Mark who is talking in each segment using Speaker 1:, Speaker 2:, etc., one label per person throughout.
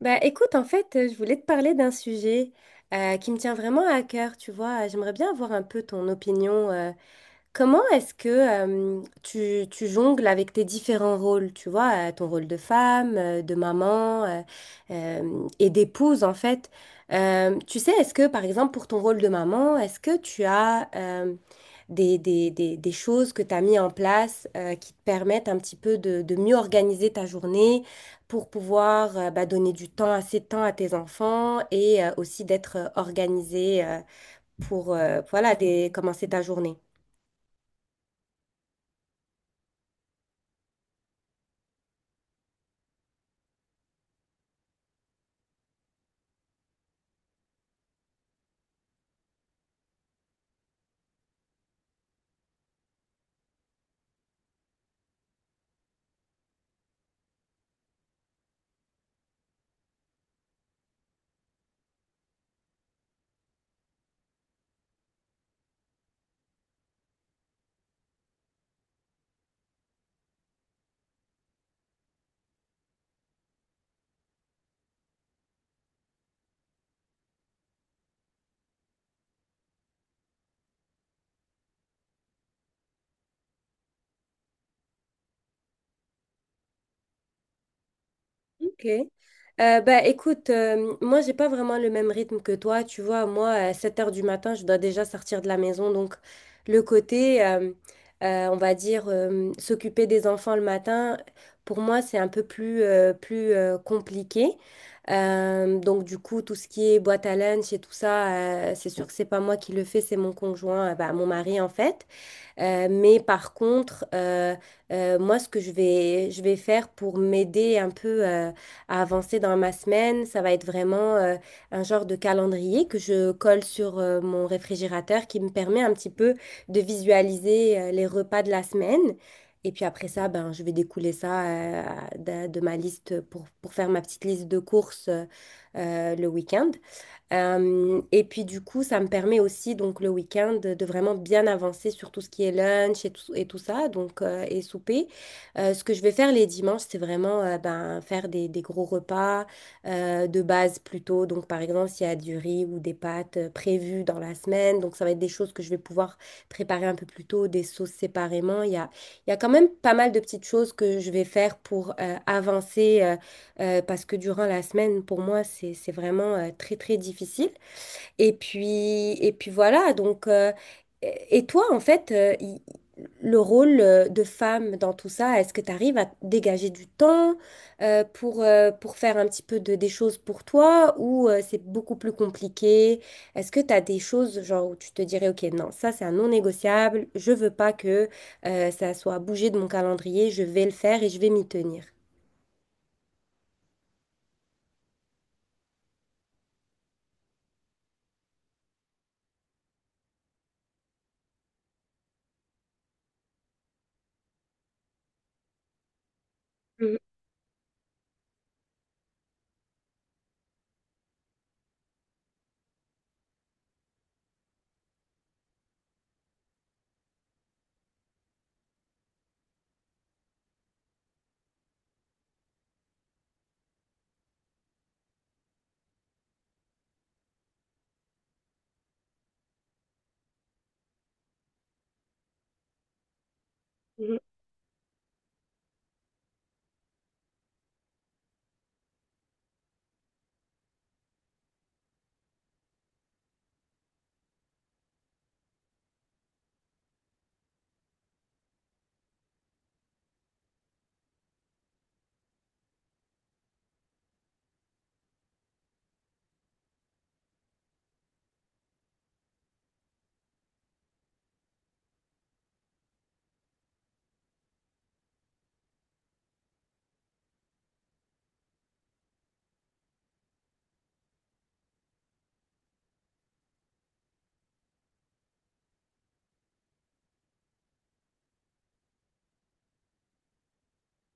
Speaker 1: Bah, écoute, en fait, je voulais te parler d'un sujet qui me tient vraiment à cœur, tu vois. J'aimerais bien avoir un peu ton opinion. Comment est-ce que tu jongles avec tes différents rôles, tu vois, ton rôle de femme, de maman et d'épouse, en fait. Tu sais, est-ce que, par exemple, pour ton rôle de maman, est-ce que tu as, des choses que tu as mis en place qui te permettent un petit peu de mieux organiser ta journée pour pouvoir bah, donner du temps, assez de temps à tes enfants et aussi d'être organisé pour voilà, commencer ta journée. Ok. Bah, écoute, moi, j'ai pas vraiment le même rythme que toi. Tu vois, moi, à 7 heures du matin, je dois déjà sortir de la maison. Donc, le côté, on va dire, s'occuper des enfants le matin, pour moi, c'est un peu plus, plus compliqué. Donc, du coup, tout ce qui est boîte à lunch et tout ça, c'est sûr que c'est pas moi qui le fais, c'est mon conjoint, bah, mon mari, en fait. Mais par contre, moi, ce que je vais faire pour m'aider un peu à avancer dans ma semaine, ça va être vraiment un genre de calendrier que je colle sur mon réfrigérateur qui me permet un petit peu de visualiser les repas de la semaine. Et puis après ça, ben, je vais découler ça de ma liste pour faire ma petite liste de courses le week-end. Et puis du coup, ça me permet aussi donc le week-end de vraiment bien avancer sur tout ce qui est lunch et tout ça, donc et souper. Ce que je vais faire les dimanches, c'est vraiment ben, faire des gros repas de base plutôt. Donc par exemple, s'il y a du riz ou des pâtes prévues dans la semaine, donc ça va être des choses que je vais pouvoir préparer un peu plus tôt, des sauces séparément. Il y a quand même pas mal de petites choses que je vais faire pour avancer. Parce que durant la semaine, pour moi, c'est vraiment très, très difficile. Et puis voilà, donc, et toi, en fait, le rôle de femme dans tout ça, est-ce que tu arrives à dégager du temps pour faire un petit peu de, des choses pour toi ou c'est beaucoup plus compliqué? Est-ce que tu as des choses genre où tu te dirais, OK, non, ça c'est un non négociable, je veux pas que ça soit bougé de mon calendrier, je vais le faire et je vais m'y tenir. Mhm. Mhm.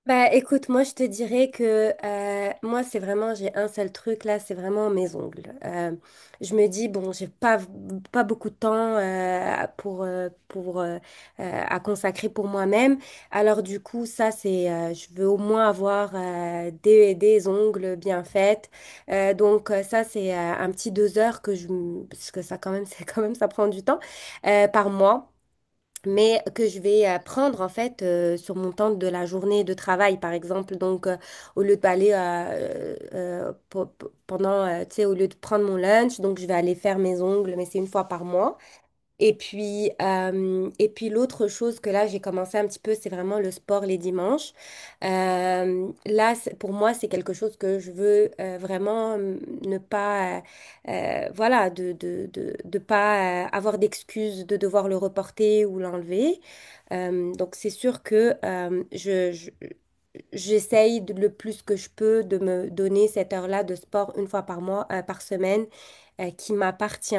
Speaker 1: Bah écoute, moi je te dirais que moi c'est vraiment, j'ai un seul truc là, c'est vraiment mes ongles. Je me dis, bon, j'ai pas, pas beaucoup de temps pour, à consacrer pour moi-même. Alors du coup, ça c'est, je veux au moins avoir des ongles bien faits. Donc ça c'est un petit 2 heures que je parce que ça quand même, c'est quand même, ça prend du temps par mois mais que je vais prendre en fait sur mon temps de la journée de travail par exemple donc au lieu d'aller pendant tu sais au lieu de prendre mon lunch donc je vais aller faire mes ongles mais c'est une fois par mois et puis l'autre chose que là, j'ai commencé un petit peu, c'est vraiment le sport les dimanches. Là, pour moi, c'est quelque chose que je veux vraiment ne pas, voilà, de pas avoir d'excuses de devoir le reporter ou l'enlever. Donc, c'est sûr que J'essaye le plus que je peux de me donner cette heure-là de sport une fois par mois, par semaine, qui m'appartient.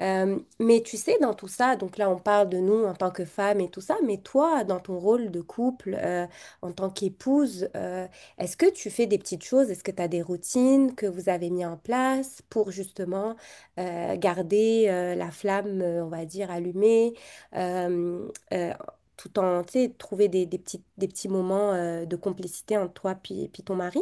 Speaker 1: Mais tu sais, dans tout ça, donc là, on parle de nous en tant que femmes et tout ça, mais toi, dans ton rôle de couple, en tant qu'épouse, est-ce que tu fais des petites choses? Est-ce que tu as des routines que vous avez mis en place pour justement garder la flamme, on va dire, allumée, euh, euh, tout en, tu sais, trouver des petits moments de complicité entre toi puis, puis ton mari?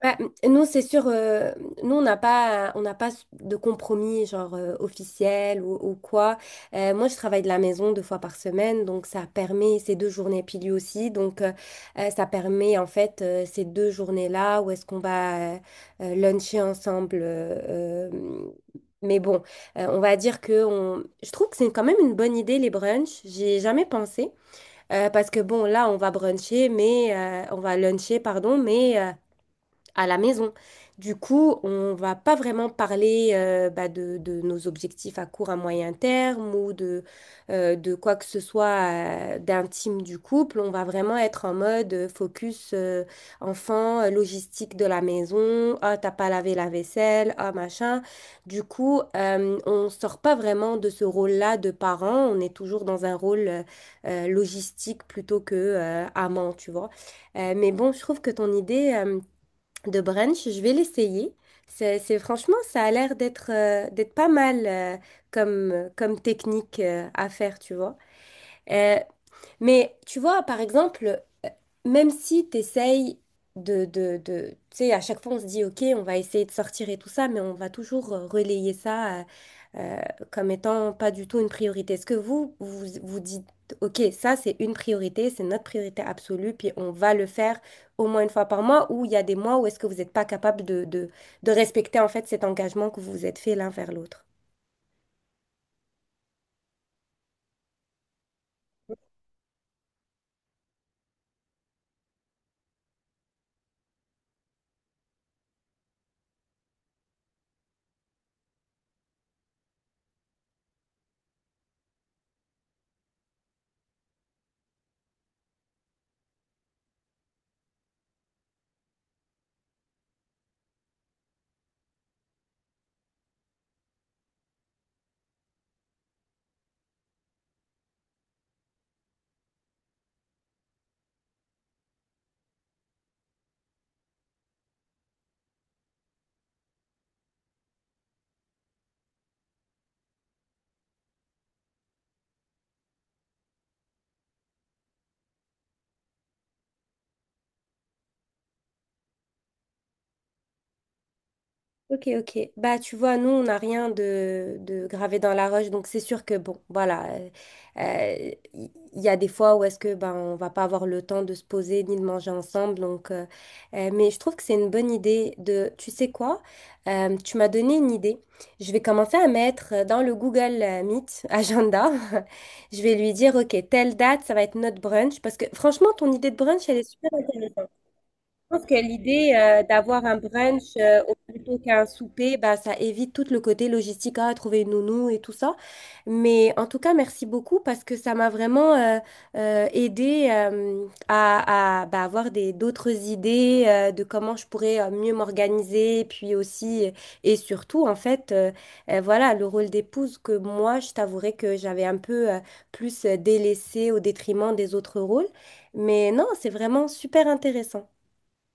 Speaker 1: Bah, nous, c'est sûr, nous, on n'a pas de compromis, genre officiel ou quoi. Moi, je travaille de la maison 2 fois par semaine, donc ça permet ces 2 journées, puis lui aussi. Donc, ça permet en fait ces 2 journées-là où est-ce qu'on va luncher ensemble. Mais bon, on va dire que on... je trouve que c'est quand même une bonne idée, les brunchs. J'ai jamais pensé. Parce que bon, là, on va bruncher, mais on va luncher, pardon, mais. À la maison. Du coup, on va pas vraiment parler bah, de nos objectifs à court, à moyen terme ou de quoi que ce soit d'intime du couple. On va vraiment être en mode focus enfant, logistique de la maison. Ah, t'as pas lavé la vaisselle, ah, machin. Du coup, on sort pas vraiment de ce rôle-là de parent. On est toujours dans un rôle logistique plutôt que amant, tu vois. Mais bon, je trouve que ton idée... de brunch. Je vais l'essayer. Franchement, ça a l'air d'être d'être pas mal comme, comme technique à faire, tu vois. Euh, mais tu vois, par exemple, même si tu essayes tu sais, à chaque fois, on se dit, OK, on va essayer de sortir et tout ça, mais on va toujours relayer ça euh, comme étant pas du tout une priorité. Est-ce que vous, vous vous dites, OK, ça, c'est une priorité, c'est notre priorité absolue, puis on va le faire au moins une fois par mois, ou il y a des mois où est-ce que vous n'êtes pas capable de respecter, en fait, cet engagement que vous vous êtes fait l'un vers l'autre? Ok, ok. Bah, tu vois, nous, on n'a rien de, de gravé dans la roche, donc c'est sûr que, bon, voilà, euh, il il y a des fois où est-ce que, ben, on va pas avoir le temps de se poser ni de manger ensemble, donc, mais je trouve que c'est une bonne idée de, tu sais quoi, tu m'as donné une idée. Je vais commencer à mettre dans le Google Meet agenda, je vais lui dire, ok, telle date, ça va être notre brunch, parce que franchement, ton idée de brunch, elle est je pense que l'idée d'avoir un brunch plutôt qu'un souper, bah, ça évite tout le côté logistique, à trouver une nounou et tout ça. Mais en tout cas, merci beaucoup parce que ça m'a vraiment aidé à, bah, avoir des, d'autres idées de comment je pourrais mieux m'organiser. Puis aussi, et surtout, en fait, voilà, le rôle d'épouse que moi, je t'avouerais que j'avais un peu plus délaissé au détriment des autres rôles. Mais non, c'est vraiment super intéressant.